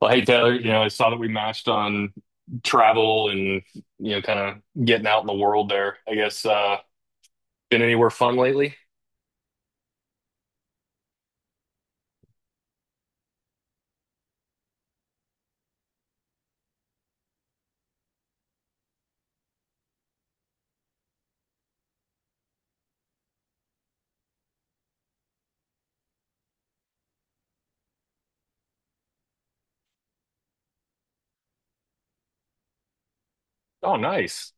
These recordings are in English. Well, hey Taylor, you know, I saw that we matched on travel and you know, kind of getting out in the world there. I guess been anywhere fun lately? Oh, nice.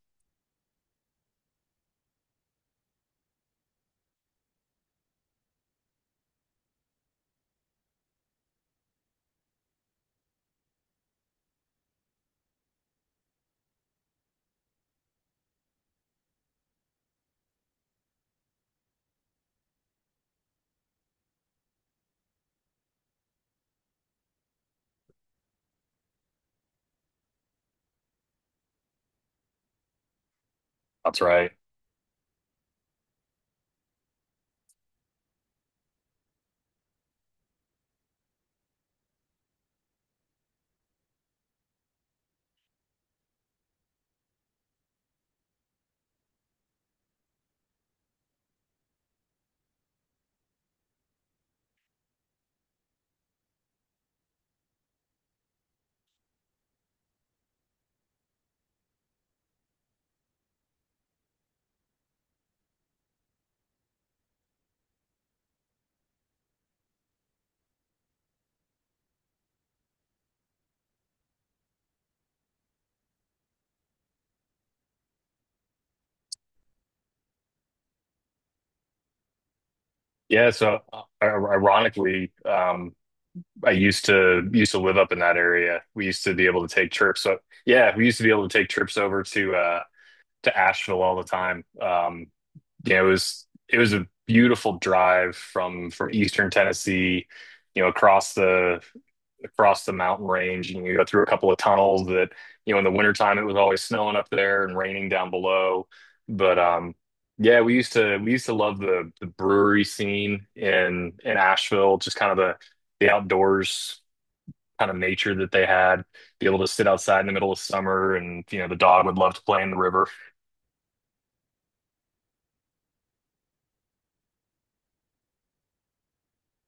That's right. Yeah, so ironically, I used to live up in that area. We used to be able to take trips. So yeah, we used to be able to take trips over to Asheville all the time. Um, you know, it was a beautiful drive from Eastern Tennessee, you know, across the mountain range, and you go through a couple of tunnels that, you know, in the wintertime it was always snowing up there and raining down below. But um, yeah, we used to love the brewery scene in Asheville, just kind of the outdoors, kind of nature that they had, be able to sit outside in the middle of summer, and you know, the dog would love to play in the river.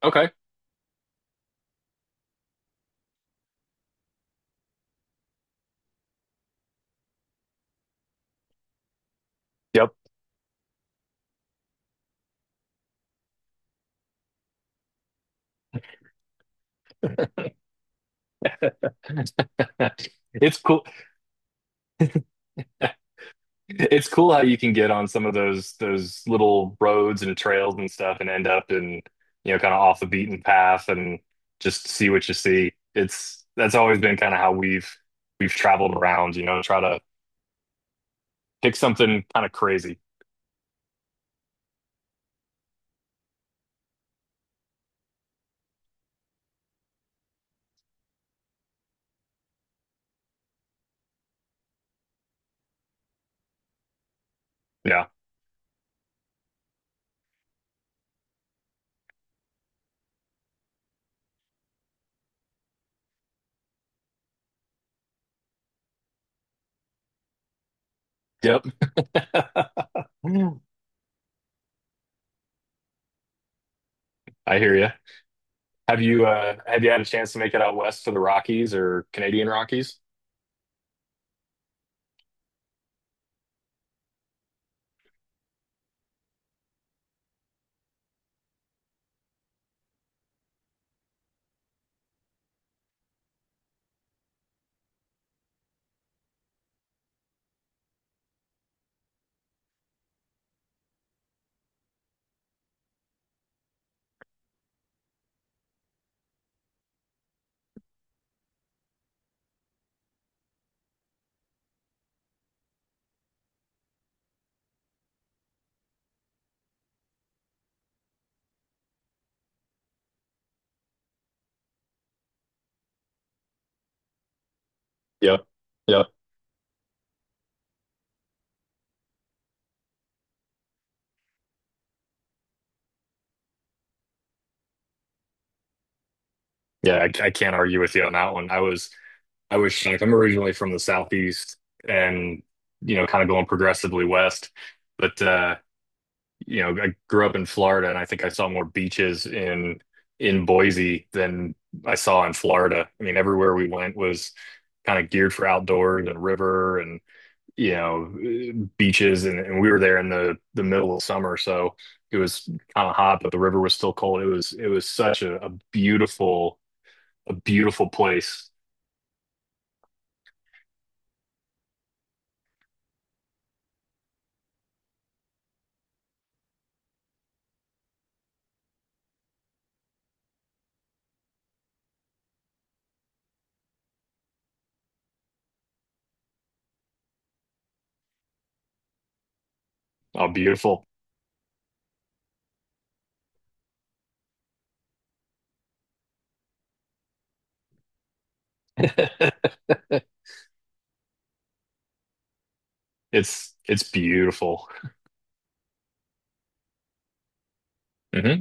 Okay. Yep. It's cool. It's cool how you can get on some of those little roads and trails and stuff and end up in, you know, kind of off the beaten path and just see what you see. It's that's always been kind of how we've traveled around, you know, try to pick something kind of crazy. Yeah. Yep. I hear you. Have you have you had a chance to make it out west to the Rockies or Canadian Rockies? Yep. Yep. Yeah, I can't argue with you on that one. I was like, I'm originally from the southeast, and you know, kind of going progressively west, but you know, I grew up in Florida, and I think I saw more beaches in Boise than I saw in Florida. I mean, everywhere we went was kind of geared for outdoors and river and you know, beaches, and we were there in the middle of summer, so it was kind of hot, but the river was still cold. It was it was such a beautiful, a beautiful place. Oh, beautiful. It's beautiful. Hmm.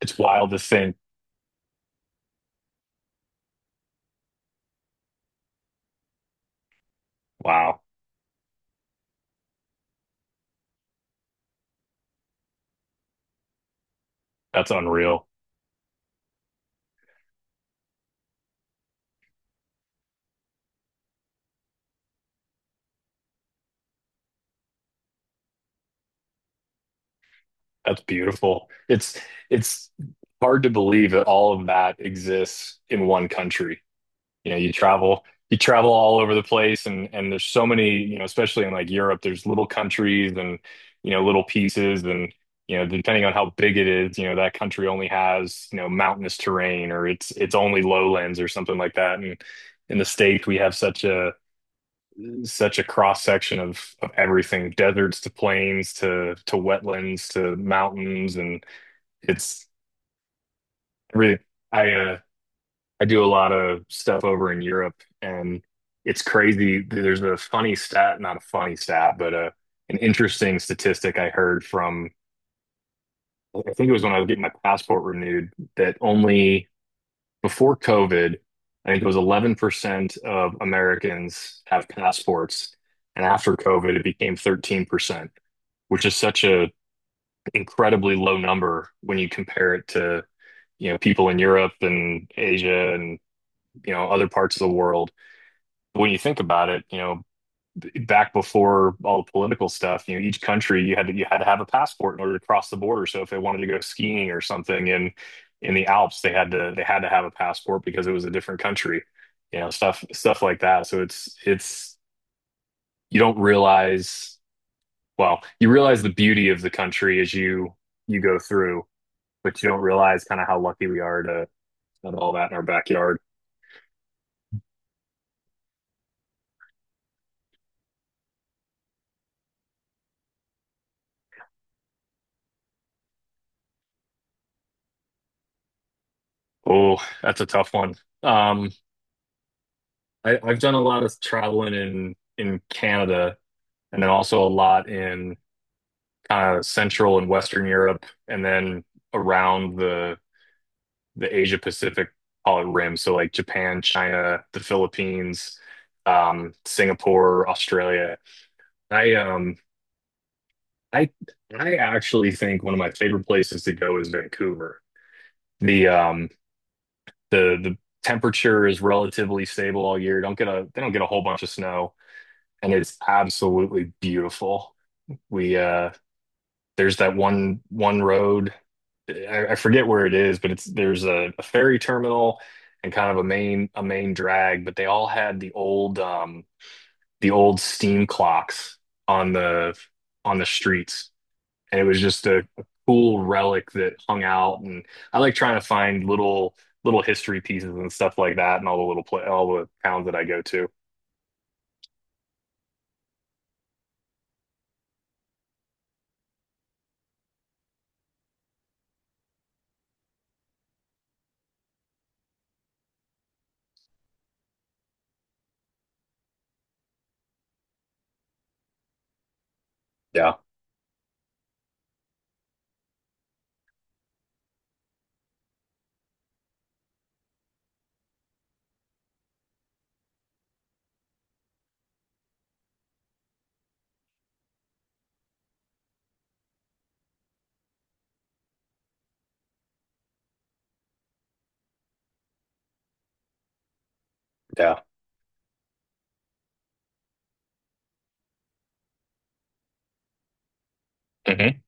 It's wild to think. Wow, that's unreal. That's beautiful. It's hard to believe that all of that exists in one country. You know, you travel all over the place, and there's so many, you know, especially in like Europe, there's little countries, and you know, little pieces, and you know, depending on how big it is, you know, that country only has, you know, mountainous terrain, or it's only lowlands or something like that. And in the States, we have such a such a cross section of everything: deserts to plains to wetlands to mountains. And it's really I I do a lot of stuff over in Europe, and it's crazy. There's a funny stat, not a funny stat, but an interesting statistic I heard from, I think it was when I was getting my passport renewed, that only before COVID, I think it was 11% of Americans have passports. And after COVID, it became 13%, which is such a incredibly low number when you compare it to, you know, people in Europe and Asia and, you know, other parts of the world. When you think about it, you know, back before all the political stuff, you know, each country you had to have a passport in order to cross the border. So if they wanted to go skiing or something in the Alps, they had to have a passport because it was a different country. You know, stuff like that. So it's you don't realize, well, you realize the beauty of the country as you go through, but you don't realize kind of how lucky we are to have all that in our backyard. Oh, that's a tough one. Um, I, I've done a lot of traveling in Canada, and then also a lot in kind of Central and Western Europe, and then around the Asia Pacific, call it, rim. So like Japan, China, the Philippines, Singapore, Australia. I um, I I actually think one of my favorite places to go is Vancouver. The um, the temperature is relatively stable all year. Don't get a they don't get a whole bunch of snow, and it's absolutely beautiful. We uh, there's that one road. I forget where it is, but it's there's a ferry terminal and kind of a main, a main drag, but they all had the old um, the old steam clocks on the on the streets. And it was just a cool relic that hung out. And I like trying to find little, history pieces and stuff like that, and all the little pla all the towns that I go to. Yeah, yeah. Hmm.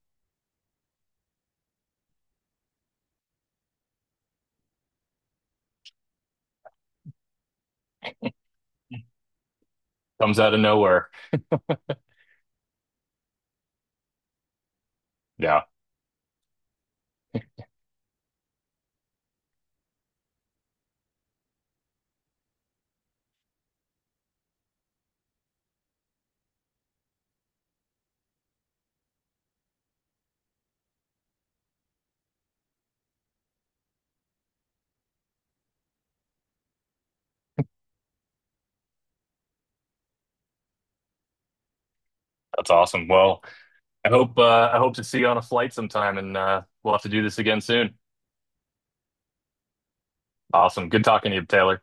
Comes out of nowhere. Yeah, that's awesome. Well, I hope to see you on a flight sometime, and we'll have to do this again soon. Awesome. Good talking to you, Taylor.